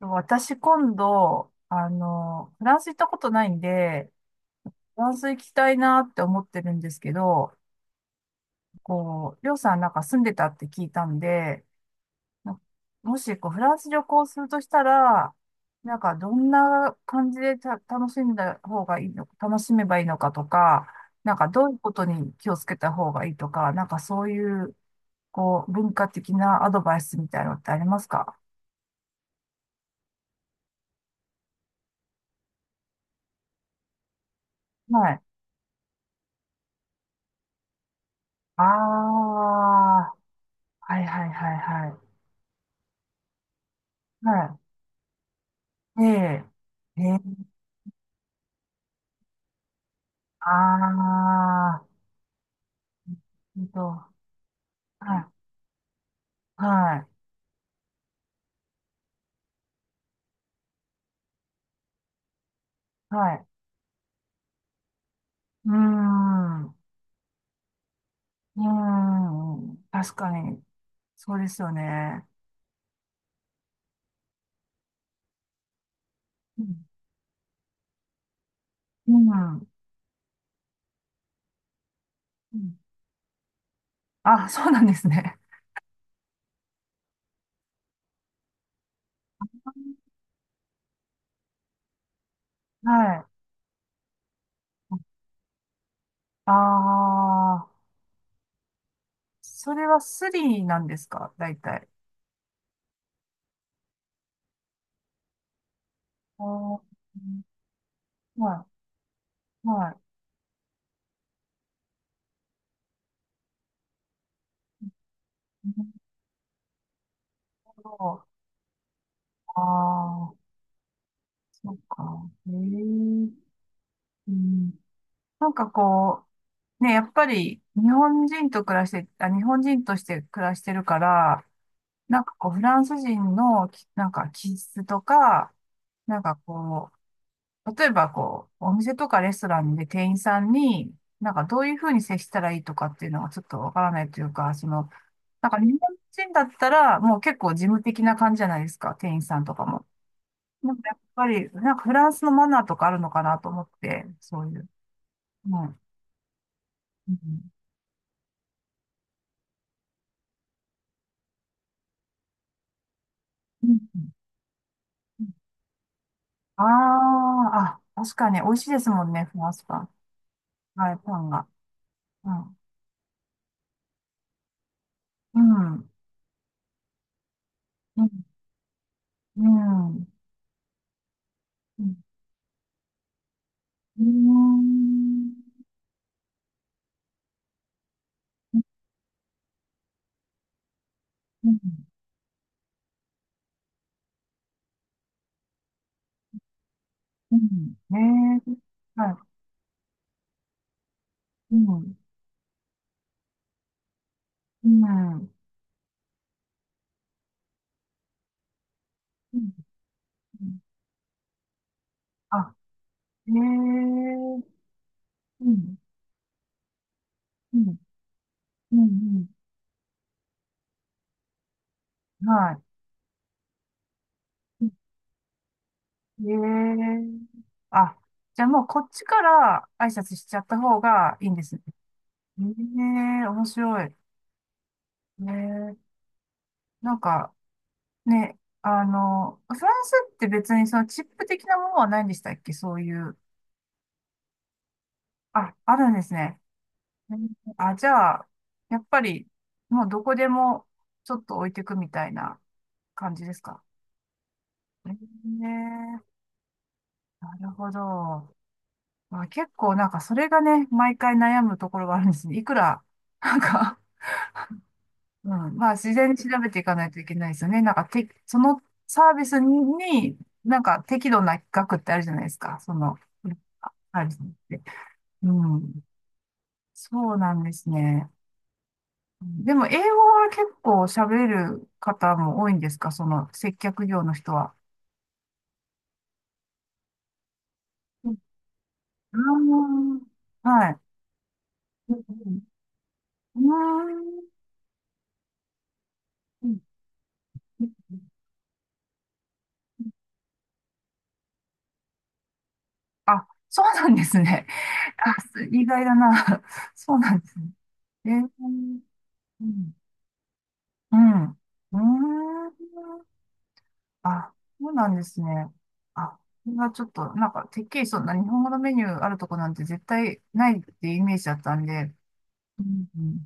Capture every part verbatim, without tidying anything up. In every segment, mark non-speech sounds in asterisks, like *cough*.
私今度、あの、フランス行ったことないんで、フランス行きたいなって思ってるんですけど、こう、りょうさんなんか住んでたって聞いたんで、なもしこうフランス旅行するとしたら、なんかどんな感じでた楽しんだ方がいいの、楽しめばいいのかとか、なんかどういうことに気をつけた方がいいとか、なんかそういう、こう、文化的なアドバイスみたいなのってありますか？はい。ああ、はいはいはいはい。はい。ええ。ええ。ああ。えんと。はい。はい。はい。うーん。うーん。確かに。そうですよね。うん。うん。うん。あ、そうなんですね。*laughs* はい。ああ。それはスリーなんですか大体。あー、はい。はい。なるほど。ああ。そうか。ええ。うん。なんかこう、ね、やっぱり日本人と暮らして、あ、日本人として暮らしてるから、なんかこう、フランス人のき、なんか気質とか、なんかこう、例えばこう、お店とかレストランで店員さんに、なんかどういうふうに接したらいいとかっていうのがちょっとわからないというか、その、なんか日本人だったらもう結構事務的な感じじゃないですか、店員さんとかも。なんかやっぱり、なんかフランスのマナーとかあるのかなと思って、そういう。うん。うん。うん。ああ、あ、確かに美味しいですもんね、フランスパン。はい、パンが。うん。うん。うん。うん。うん。うん。うん。うんねえ。はい。うん。うん。うん。あ、ええ。うん。うん。うん。うん。はい。ええ。あ、じゃあもうこっちから挨拶しちゃった方がいいんですね。ええ、面白い。ええ。なんか、ね、あの、フランスって別にそのチップ的なものはないんでしたっけそういう。あ、あるんですね。うん。あ、じゃあ、やっぱり、もうどこでもちょっと置いてくみたいな感じですかね。え、なるほど。まあ、結構なんかそれがね、毎回悩むところがあるんですね。いくら、なんかうん、まあ、自然に調べていかないといけないですよね。なんか、て、そのサービスに、なんか適度な額ってあるじゃないですか。その、ああるって。うん。そうなんですね。でも、英語は結構喋れる方も多いんですかその、接客業の人は。うん。あー、はい。うんうん。うーん。あ、そうなんですね。*laughs* あ、意外だな。*laughs* そうなんですね。えー、うん、うん。うーん。あ、そうなんですね。あ、これはちょっと、なんか、てっきりそんな日本語のメニューあるとこなんて絶対ないっていうイメージだったんで。うんうん。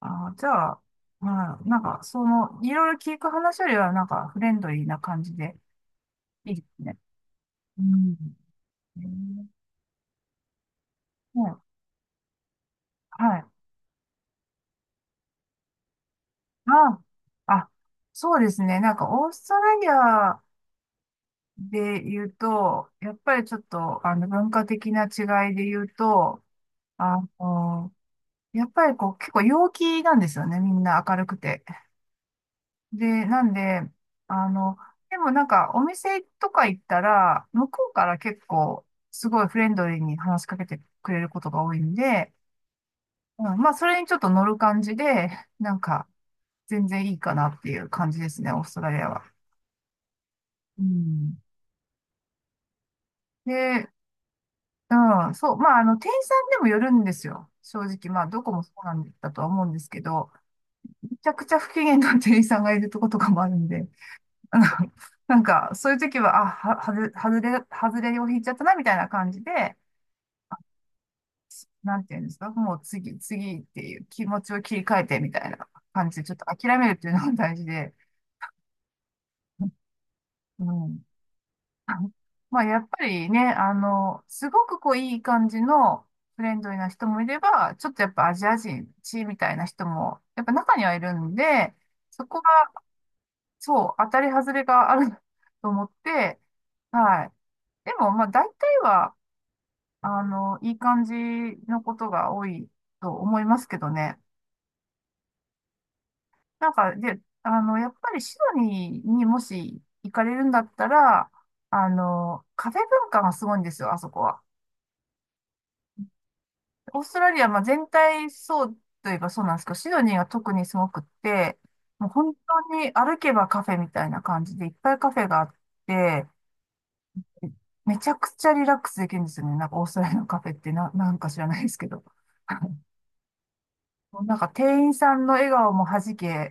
あ、じゃあ、まあ、なんか、その、いろいろ聞く話よりは、なんか、フレンドリーな感じで、いいですね。うん。えー、ね、はい。あ、あ、そうですね。なんか、オーストラリアで言うと、やっぱりちょっと、あの、文化的な違いで言うと、あの、やっぱりこう、結構陽気なんですよね、みんな明るくて。で、なんで、あの、でもなんかお店とか行ったら、向こうから結構、すごいフレンドリーに話しかけてくれることが多いんで、うん、まあ、それにちょっと乗る感じで、なんか、全然いいかなっていう感じですね、オーストラリアは。うん。で、うん、そう、まあ、あの、店員さんでもよるんですよ。正直、まあ、どこもそうなんだとは思うんですけど、ちゃくちゃ不機嫌な店員さんがいるとことかもあるんで、*laughs* あの、なんか、そういう時は、あ、は、はず、外れ、外れを引いちゃったな、みたいな感じで、なんていうんですか、もう次、次っていう気持ちを切り替えて、みたいな感じで、ちょっと諦めるっていうのが大事で、*laughs* うん。*laughs* まあ、やっぱりね、あの、すごくこう、いい感じのフレンドリーな人もいれば、ちょっとやっぱアジア人、地みたいな人も、やっぱ中にはいるんで、そこがそう、当たり外れがある *laughs* と思って、はい。でも、まあ、大体は、あの、いい感じのことが多いと思いますけどね。なんか、で、あの、やっぱりシドニーにもし行かれるんだったら、あの、カフェ文化がすごいんですよ、あそこは。オーストラリア、まあ、全体そうといえばそうなんですけど、シドニーが特にすごくって、もう本当に歩けばカフェみたいな感じでいっぱいカフェがあって、めちゃくちゃリラックスできるんですよね。なんかオーストラリアのカフェってな、なんか知らないですけど。*laughs* なんか店員さんの笑顔もはじけ、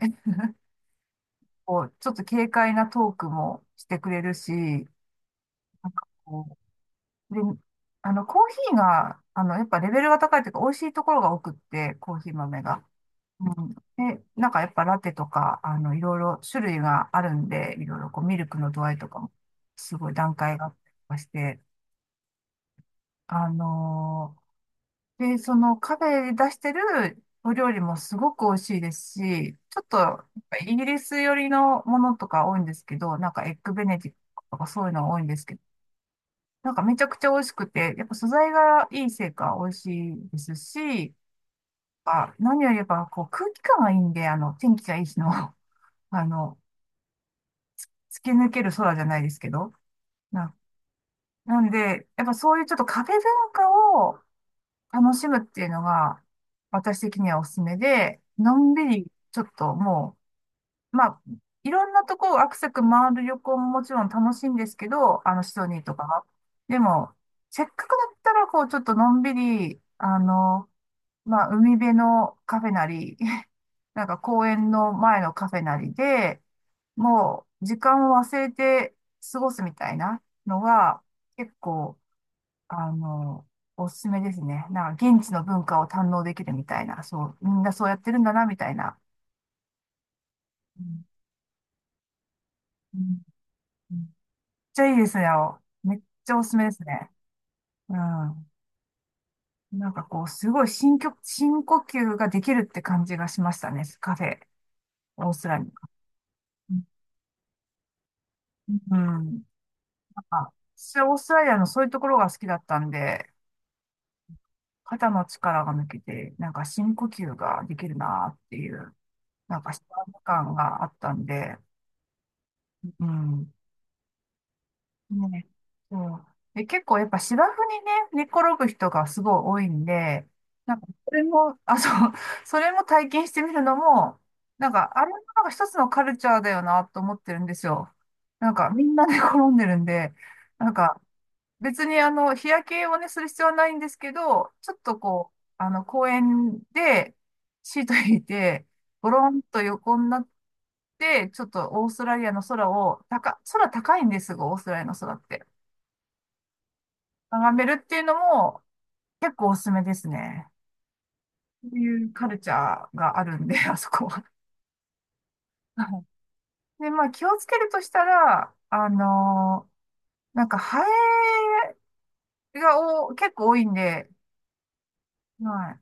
こう、ちょっと軽快なトークもしてくれるし、なんかこう、で、あの、コーヒーが、あの、やっぱレベルが高いというか、美味しいところが多くって、コーヒー豆が。で、なんかやっぱラテとか、あの、いろいろ種類があるんで、いろいろこう、ミルクの度合いとかも、すごい段階があったりとかして、あので、そのカフェで出してるお料理もすごく美味しいですし、ちょっとやっぱイギリス寄りのものとか多いんですけど、なんかエッグベネディクトとかそういうのが多いんですけど、なんかめちゃくちゃ美味しくて、やっぱ素材がいいせいか美味しいですし、あ、何よりやっぱこう空気感がいいんで、あの天気がいい日の、*laughs* あの、突き抜ける空じゃないですけど、な、なんで、やっぱそういうちょっとカフェ文化を楽しむっていうのが、私的にはおすすめで、のんびり、ちょっともう、まあ、いろんなとこをアクセク回る旅行ももちろん楽しいんですけど、あの、シドニーとかは。でも、せっかくだったら、こう、ちょっとのんびり、あの、まあ、海辺のカフェなり、*laughs* なんか公園の前のカフェなりで、もう、時間を忘れて過ごすみたいなのが、結構、あの、おすすめですね。なんか現地の文化を堪能できるみたいな、そう、みんなそうやってるんだな、みたいな。うん、うん、めっちゃいいですね。めっちゃおすすめですね。うん。なんかこう、すごい深呼、深呼吸ができるって感じがしましたね。カフェ、オーストラリア。うん。なんか、私はオーストラリアのそういうところが好きだったんで、肩の力が抜けて、なんか深呼吸ができるなっていう、なんか幸せ感があったんで、うん。ね、そう。で、結構やっぱ芝生にね、寝転ぶ人がすごい多いんで、なんかそれも、あ、そう、*laughs* それも体験してみるのも、なんかあれもなんか一つのカルチャーだよなと思ってるんですよ。なんかみんな寝転んでるんで、なんか別にあの、日焼けをね、する必要はないんですけど、ちょっとこう、あの、公園でシート引いて、ゴロンと横になって、ちょっとオーストラリアの空を、高、空高いんですが、オーストラリアの空って。眺めるっていうのも結構おすすめですね。そういうカルチャーがあるんで、*laughs* あそこは。はい。で、まあ気をつけるとしたら、あのーなんかハエがお結構多いんで、はい。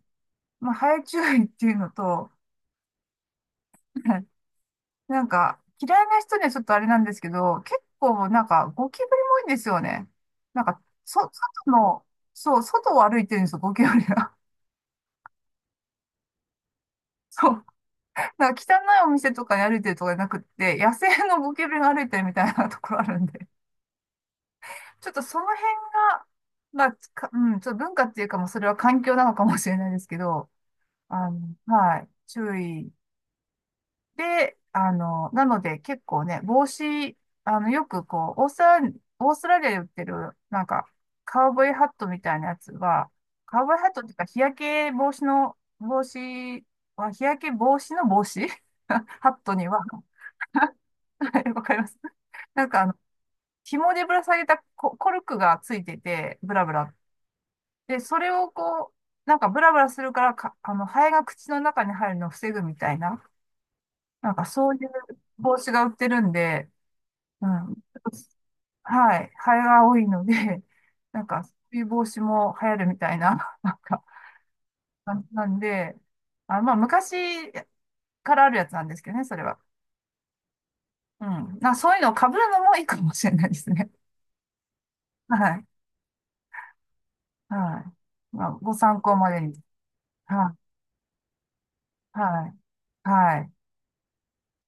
まあハエ注意っていうのと、はい。なんか、嫌いな人にはちょっとあれなんですけど、結構なんか、ゴキブリも多いんですよね。なんか、そ、外の、そう、外を歩いてるんですよ、ゴキブリが。*laughs* そう。なんか汚いお店とかに歩いてるとかじゃなくって、野生のゴキブリが歩いてるみたいなところあるんで。ちょっとその辺が、まあ、かうん、ちょっと文化っていうかもうそれは環境なのかもしれないですけど、あの、はい、注意で、あの、なので結構ね、帽子、あの、よくこう、オーストラリア、オーストラリアで売ってる、なんか、カウボーイハットみたいなやつは、カウボーイハットっていうか、日焼け防止の、帽子は、日焼け防止の帽子 *laughs* ハットには、*laughs* はい、わかります。なんか、あの、紐でぶら下げたコ、コルクがついてて、ブラブラ。で、それをこう、なんかブラブラするからか、あの、ハエが口の中に入るのを防ぐみたいな、なんかそういう帽子が売ってるんで、うん。はい。ハエが多いので、*laughs* なんか、そういう防止も流行るみたいな、*laughs* なんか、感じなんで、あ、まあ、昔からあるやつなんですけどね、それは。うん。な、そういうのを被るのもいいかもしれないですね。*laughs* はい。はい。まあ、ご参考までに。はい。はい。はい。